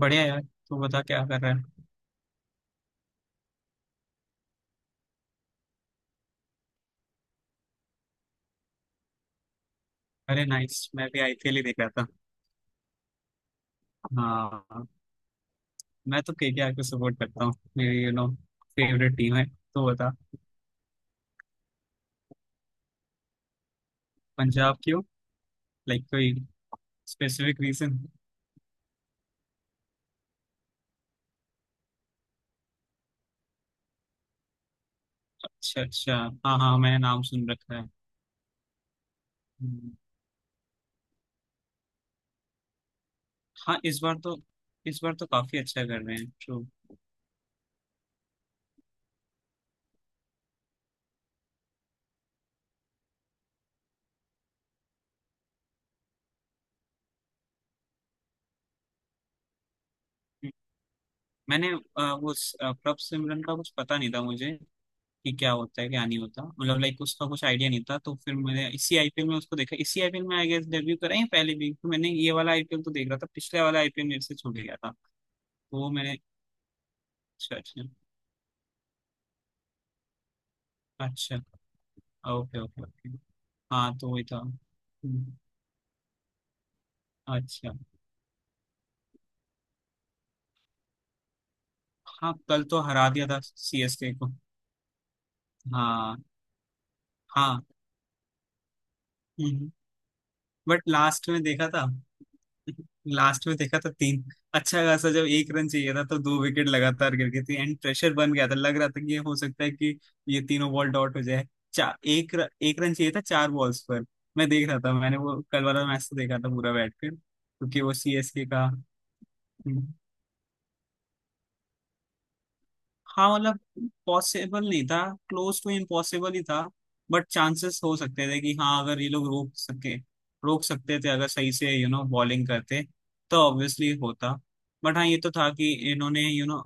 बढ़िया यार। तू बता क्या कर रहा है। अरे नाइस, मैं भी आईपीएल ही देख रहा था। हाँ, मैं तो केकेआर को सपोर्ट करता हूँ। मेरी फेवरेट टीम है तो बता। पंजाब क्यों? लाइक, कोई स्पेसिफिक रीजन? अच्छा अच्छा। हाँ हाँ, मैंने नाम सुन रखा है। हम्म। हाँ, इस बार तो काफी अच्छा कर रहे हैं। ट्रू। मैंने प्रभ सिमरन का कुछ पता नहीं था मुझे। कि क्या होता है क्या नहीं होता, मतलब लाइक उसका कुछ आइडिया नहीं था, तो फिर मैंने इसी आईपीएल में उसको देखा। इसी आईपीएल में आई गेस डेब्यू करा या पहले भी। तो मैंने ये वाला आईपीएल तो देख रहा था, पिछले वाला आईपीएल मेरे से छूट गया था। तो वो मैंने। अच्छा अच्छा। अच्छा, ओके ओके ओके। हाँ, तो वही था। हम्म। अच्छा। हाँ, कल तो हरा दिया था सीएसके को। हाँ हाँ। हम्म। बट लास्ट में देखा था, लास्ट में देखा था तीन। अच्छा खासा, जब 1 रन चाहिए था तो 2 विकेट लगातार गिर गई थी। एंड प्रेशर बन गया था। लग रहा था कि ये हो सकता है कि ये तीनों बॉल डॉट हो जाए। चार, 1 रन चाहिए था 4 बॉल्स पर। मैं देख रहा था। मैंने वो कल वाला मैच तो देखा था पूरा बैठ कर, क्योंकि वो सीएसके का। हाँ, मतलब पॉसिबल नहीं था। क्लोज टू इम्पॉसिबल ही था। बट चांसेस हो सकते थे कि हाँ, अगर ये लोग रोक सके, रोक सकते थे अगर सही से बॉलिंग करते, तो ऑब्वियसली होता। बट हाँ, ये तो था कि इन्होंने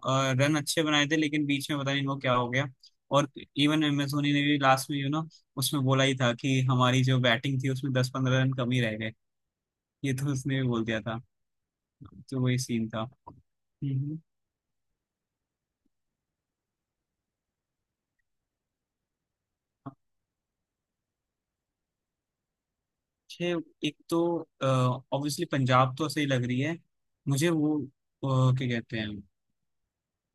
रन अच्छे बनाए थे, लेकिन बीच में पता नहीं इनको क्या हो गया। और इवन एम एस धोनी ने भी लास्ट में उसमें बोला ही था कि हमारी जो बैटिंग थी उसमें 10-15 रन कम ही रह गए। ये तो उसने भी बोल दिया था। तो वही सीन था। हम्म। मुझे, एक तो ऑब्वियसली पंजाब तो सही लग रही है। मुझे वो क्या कहते हैं।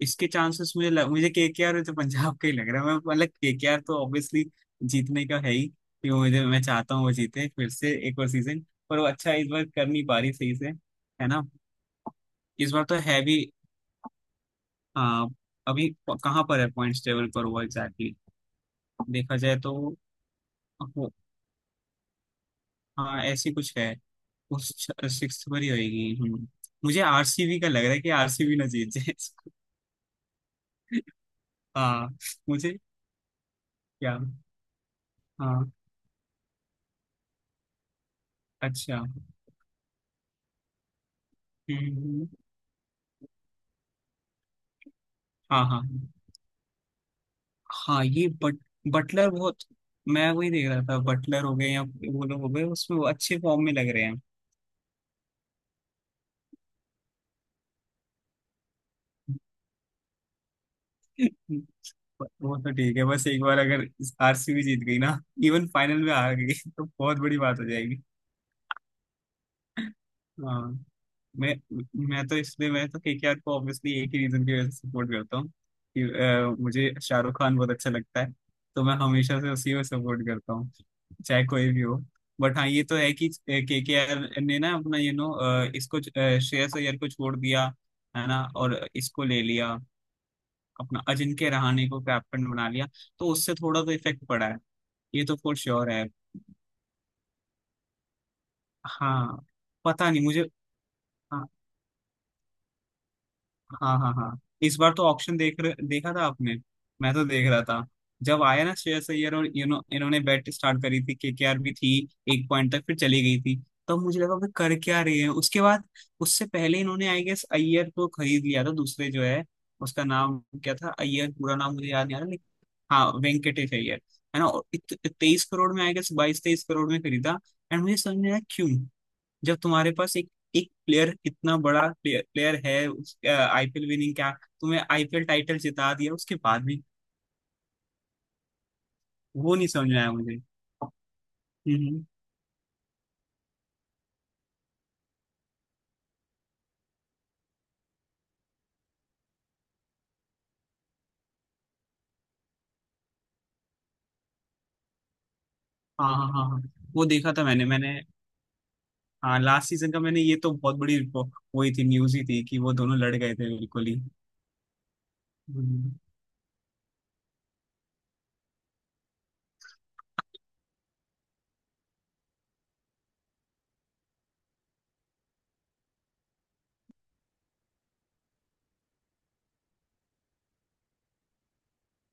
इसके चांसेस मुझे केकेआर तो पंजाब का ही लग रहा है। मैं मतलब केकेआर तो ऑब्वियसली जीतने का है ही। कि वो मुझे, मैं चाहता हूँ वो जीते फिर से एक और सीजन। पर वो अच्छा इस बार कर नहीं पा रही सही से। है ना? इस बार तो है भी। हाँ। अभी कहाँ पर है पॉइंट्स टेबल पर वो एग्जैक्टली देखा जाए तो? वो- हाँ, ऐसी कुछ है। सिक्स पर ही आएगी। हम्म। मुझे आरसीबी का लग रहा है कि आरसीबी ना जीत जाए इसको। हाँ। मुझे, क्या, हाँ। अच्छा। हम्म, हाँ हाँ हाँ, ये बट। बटलर बहुत। मैं वही देख रहा था। बटलर हो गए या वो लोग हो गए, उसमें वो अच्छे फॉर्म में लग रहे हैं। वो तो ठीक है, बस एक बार अगर आरसीबी जीत गई ना, इवन फाइनल में हार गई तो बहुत बड़ी बात हो जाएगी। हाँ। मैं मैं तो इसलिए मैं तो केकेआर को ऑब्वियसली एक ही रीजन की वजह से सपोर्ट करता हूँ कि मुझे शाहरुख खान बहुत अच्छा लगता है। तो मैं हमेशा से उसी को सपोर्ट करता हूँ, चाहे कोई भी हो। बट हाँ, ये तो है कि केकेआर ने ना अपना इसको श्रेयस अय्यर को छोड़ दिया। है ना? और इसको ले लिया, अपना अजिंक्य रहाणे को कैप्टन बना लिया। तो उससे थोड़ा तो इफेक्ट पड़ा है। ये तो फॉर श्योर है। हाँ, पता नहीं मुझे। हाँ। हाँ हाँ हाँ। इस बार तो देखा था आपने? मैं तो देख रहा था। जब आया ना श्रेयस अय्यर, और इन्होंने बैट स्टार्ट करी थी, केकेआर भी थी। एक पॉइंट तक फिर चली गई थी। तो मुझे लगा भाई, कर क्या रहे हैं उसके बाद। उससे पहले इन्होंने आई गेस अय्यर को खरीद लिया था, दूसरे जो है। उसका नाम क्या था? अय्यर पूरा नाम मुझे याद नहीं आ रहा, लेकिन। हाँ, वेंकटेश अय्यर। है ना? और 23 करोड़ में, आई गेस, 22-23 करोड़ में खरीदा। एंड मुझे समझ नहीं आया क्यों। जब तुम्हारे पास एक, एक प्लेयर, इतना बड़ा प्लेयर, प्लेयर है, उस आईपीएल विनिंग, क्या, तुम्हें आईपीएल टाइटल जिता दिया उसके बाद भी। वो नहीं समझ में आया मुझे। हम्म। हाँ हाँ हाँ हाँ। वो देखा था मैंने मैंने। हाँ, लास्ट सीजन का मैंने, ये तो बहुत बड़ी वही थी, न्यूज ही थी, कि वो दोनों लड़ गए थे बिल्कुल ही। हम्म।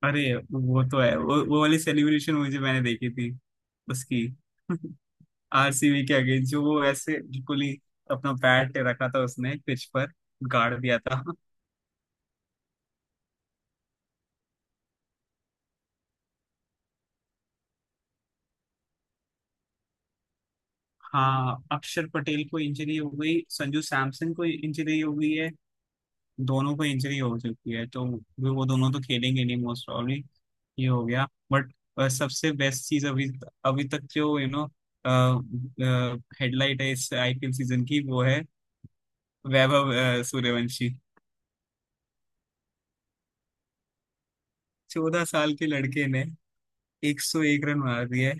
अरे वो तो है। वो वाली सेलिब्रेशन मुझे, मैंने देखी थी उसकी। आरसीबी के अगेंस्ट जो वो ऐसे बिल्कुल ही अपना बैट रखा था उसने पिच पर, गाड़ दिया था। हाँ, अक्षर पटेल को इंजरी हो गई, संजू सैमसन को इंजरी हो गई है। दोनों को इंजरी हो चुकी है, तो भी वो दोनों तो खेलेंगे नहीं मोस्ट प्रॉब्ली। ये हो गया। बट सबसे बेस्ट चीज अभी, अभी तक जो हेडलाइट है इस आईपीएल सीजन की, वो है वैभव सूर्यवंशी। 14 साल के लड़के ने 101 रन मार दिए।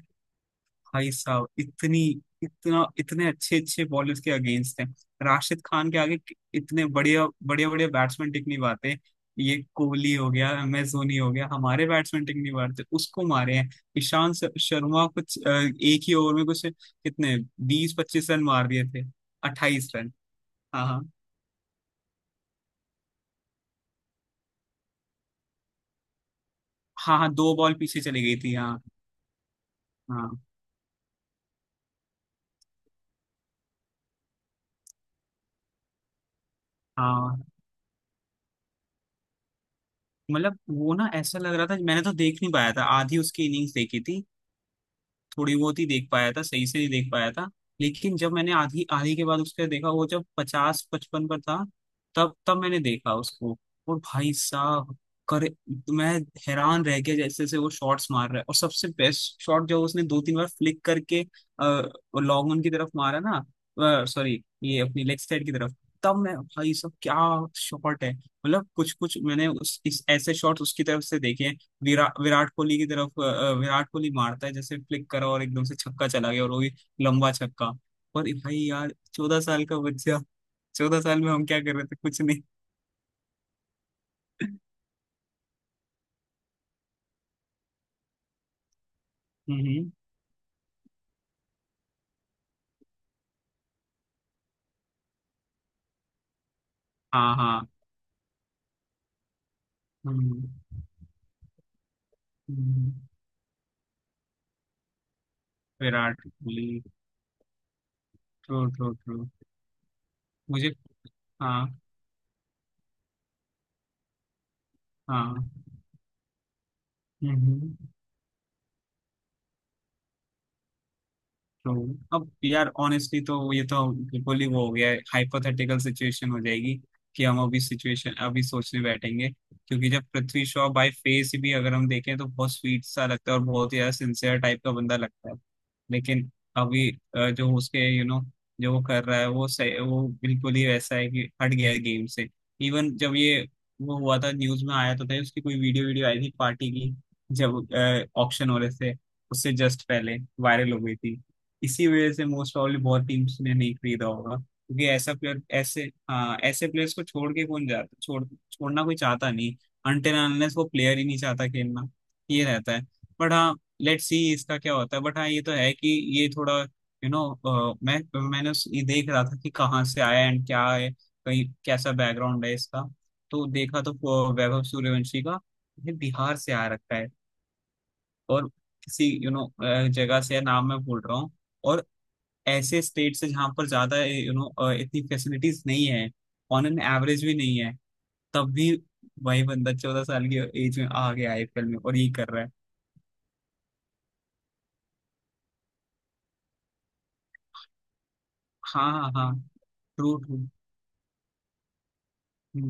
भाई साहब, इतनी, इतना, इतने अच्छे अच्छे बॉलर्स के अगेंस्ट हैं। राशिद खान के आगे इतने बढ़िया बढ़िया बढ़िया बैट्समैन टिक नहीं पाते। ये कोहली हो गया, एम एस धोनी हो गया, हमारे बैट्समैन टिक नहीं पाते। उसको मारे हैं। शर्मा, कुछ एक ही ओवर में कुछ कितने, 20-25 रन मार दिए थे। 28 रन। हाँ हाँ हाँ हाँ, 2 बॉल पीछे चली गई थी। हाँ। हाँ। हाँ, मतलब वो ना ऐसा लग रहा था। मैंने तो देख नहीं पाया था, आधी उसकी इनिंग्स देखी थी। थोड़ी बहुत ही देख पाया था, सही से ही देख पाया था। लेकिन जब मैंने आधी, आधी के बाद उसके देखा, वो जब 50-55 पर था, तब तब मैंने देखा उसको। और भाई साहब करे, मैं हैरान रह गया जैसे से वो शॉट्स मार रहा है। और सबसे बेस्ट शॉट जो उसने 2-3 बार फ्लिक करके लॉन्ग ऑन की तरफ मारा, ना सॉरी, ये अपनी लेग साइड की तरफ। तब मैं, भाई साहब, क्या शॉट है, मतलब कुछ कुछ मैंने उस इस ऐसे शॉट्स उसकी तरफ से देखे हैं। विराट कोहली की तरफ विराट कोहली मारता है जैसे, फ्लिक करा और एकदम से छक्का चला गया, और वो भी लंबा छक्का। पर भाई यार, 14 साल का बच्चा, 14 साल में हम क्या कर रहे थे? कुछ नहीं। हम्म। हाँ हाँ। हम्म। हम्म, Virat Kohli. True true true. मुझे, हाँ हाँ, हम्म। तो अब यार, ऑनेस्टली तो ये तो बिल्कुल ही वो हो गया है। हाइपोथेटिकल सिचुएशन हो जाएगी कि हम अभी सिचुएशन अभी सोचने बैठेंगे, क्योंकि जब पृथ्वी शॉ बाय फेस भी अगर हम देखें तो बहुत स्वीट सा लगता है और बहुत ही ज्यादा सिंसियर टाइप का बंदा लगता है। लेकिन अभी जो उसके जो वो कर रहा है, वो सही, वो बिल्कुल ही वैसा है कि हट गया है गेम से। इवन जब ये वो हुआ था, न्यूज में आया तो था, उसकी कोई वीडियो, वीडियो आई थी पार्टी की, जब ऑक्शन हो रहे थे, उससे जस्ट पहले वायरल हो गई थी। इसी वजह से मोस्ट प्रॉब्ली बहुत टीम्स ने नहीं खरीदा होगा, क्योंकि ऐसा प्लेयर ऐसे। हाँ, ऐसे प्लेयर्स को छोड़ के कौन जाता? छोड़ना कोई चाहता नहीं। अनटिल अनलेस वो प्लेयर ही नहीं चाहता खेलना। ये रहता है। बट हाँ, लेट्स सी इसका क्या होता है। बट हाँ, ये तो है कि ये थोड़ा यू नो मैं ये देख रहा था कि कहाँ से आया एंड क्या है, कहीं कैसा बैकग्राउंड है इसका। तो देखा तो वैभव सूर्यवंशी का ये बिहार से आ रखा है। और किसी जगह से है, नाम मैं भूल रहा हूँ। और ऐसे स्टेट से जहाँ पर ज्यादा इतनी फैसिलिटीज नहीं है, ऑन एन एवरेज भी नहीं है। तब भी वही बंदा 14 साल की एज में आ गया आईपीएल में और ये कर रहा है। हाँ हाँ हाँ। True true.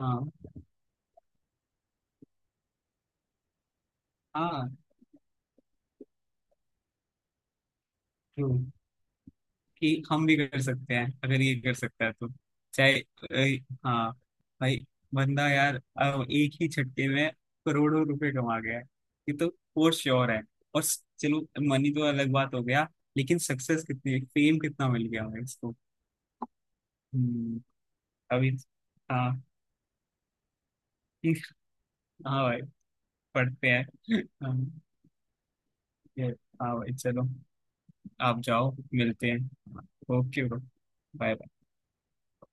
हाँ हाँ। ट्रू। कि हम भी कर सकते हैं अगर ये कर सकता है तो। चाहे हाँ भाई, बंदा यार अब एक ही झटके में करोड़ों रुपए कमा गया है। ये तो फॉर श्योर है। और चलो, मनी तो अलग बात हो गया, लेकिन सक्सेस कितनी, फेम कितना मिल गया भाई इसको। हम्म। अभी, हाँ। हाँ भाई, पढ़ते हैं। हाँ ये- हाँ भाई, चलो। आप जाओ, मिलते हैं। Okay bro, bye.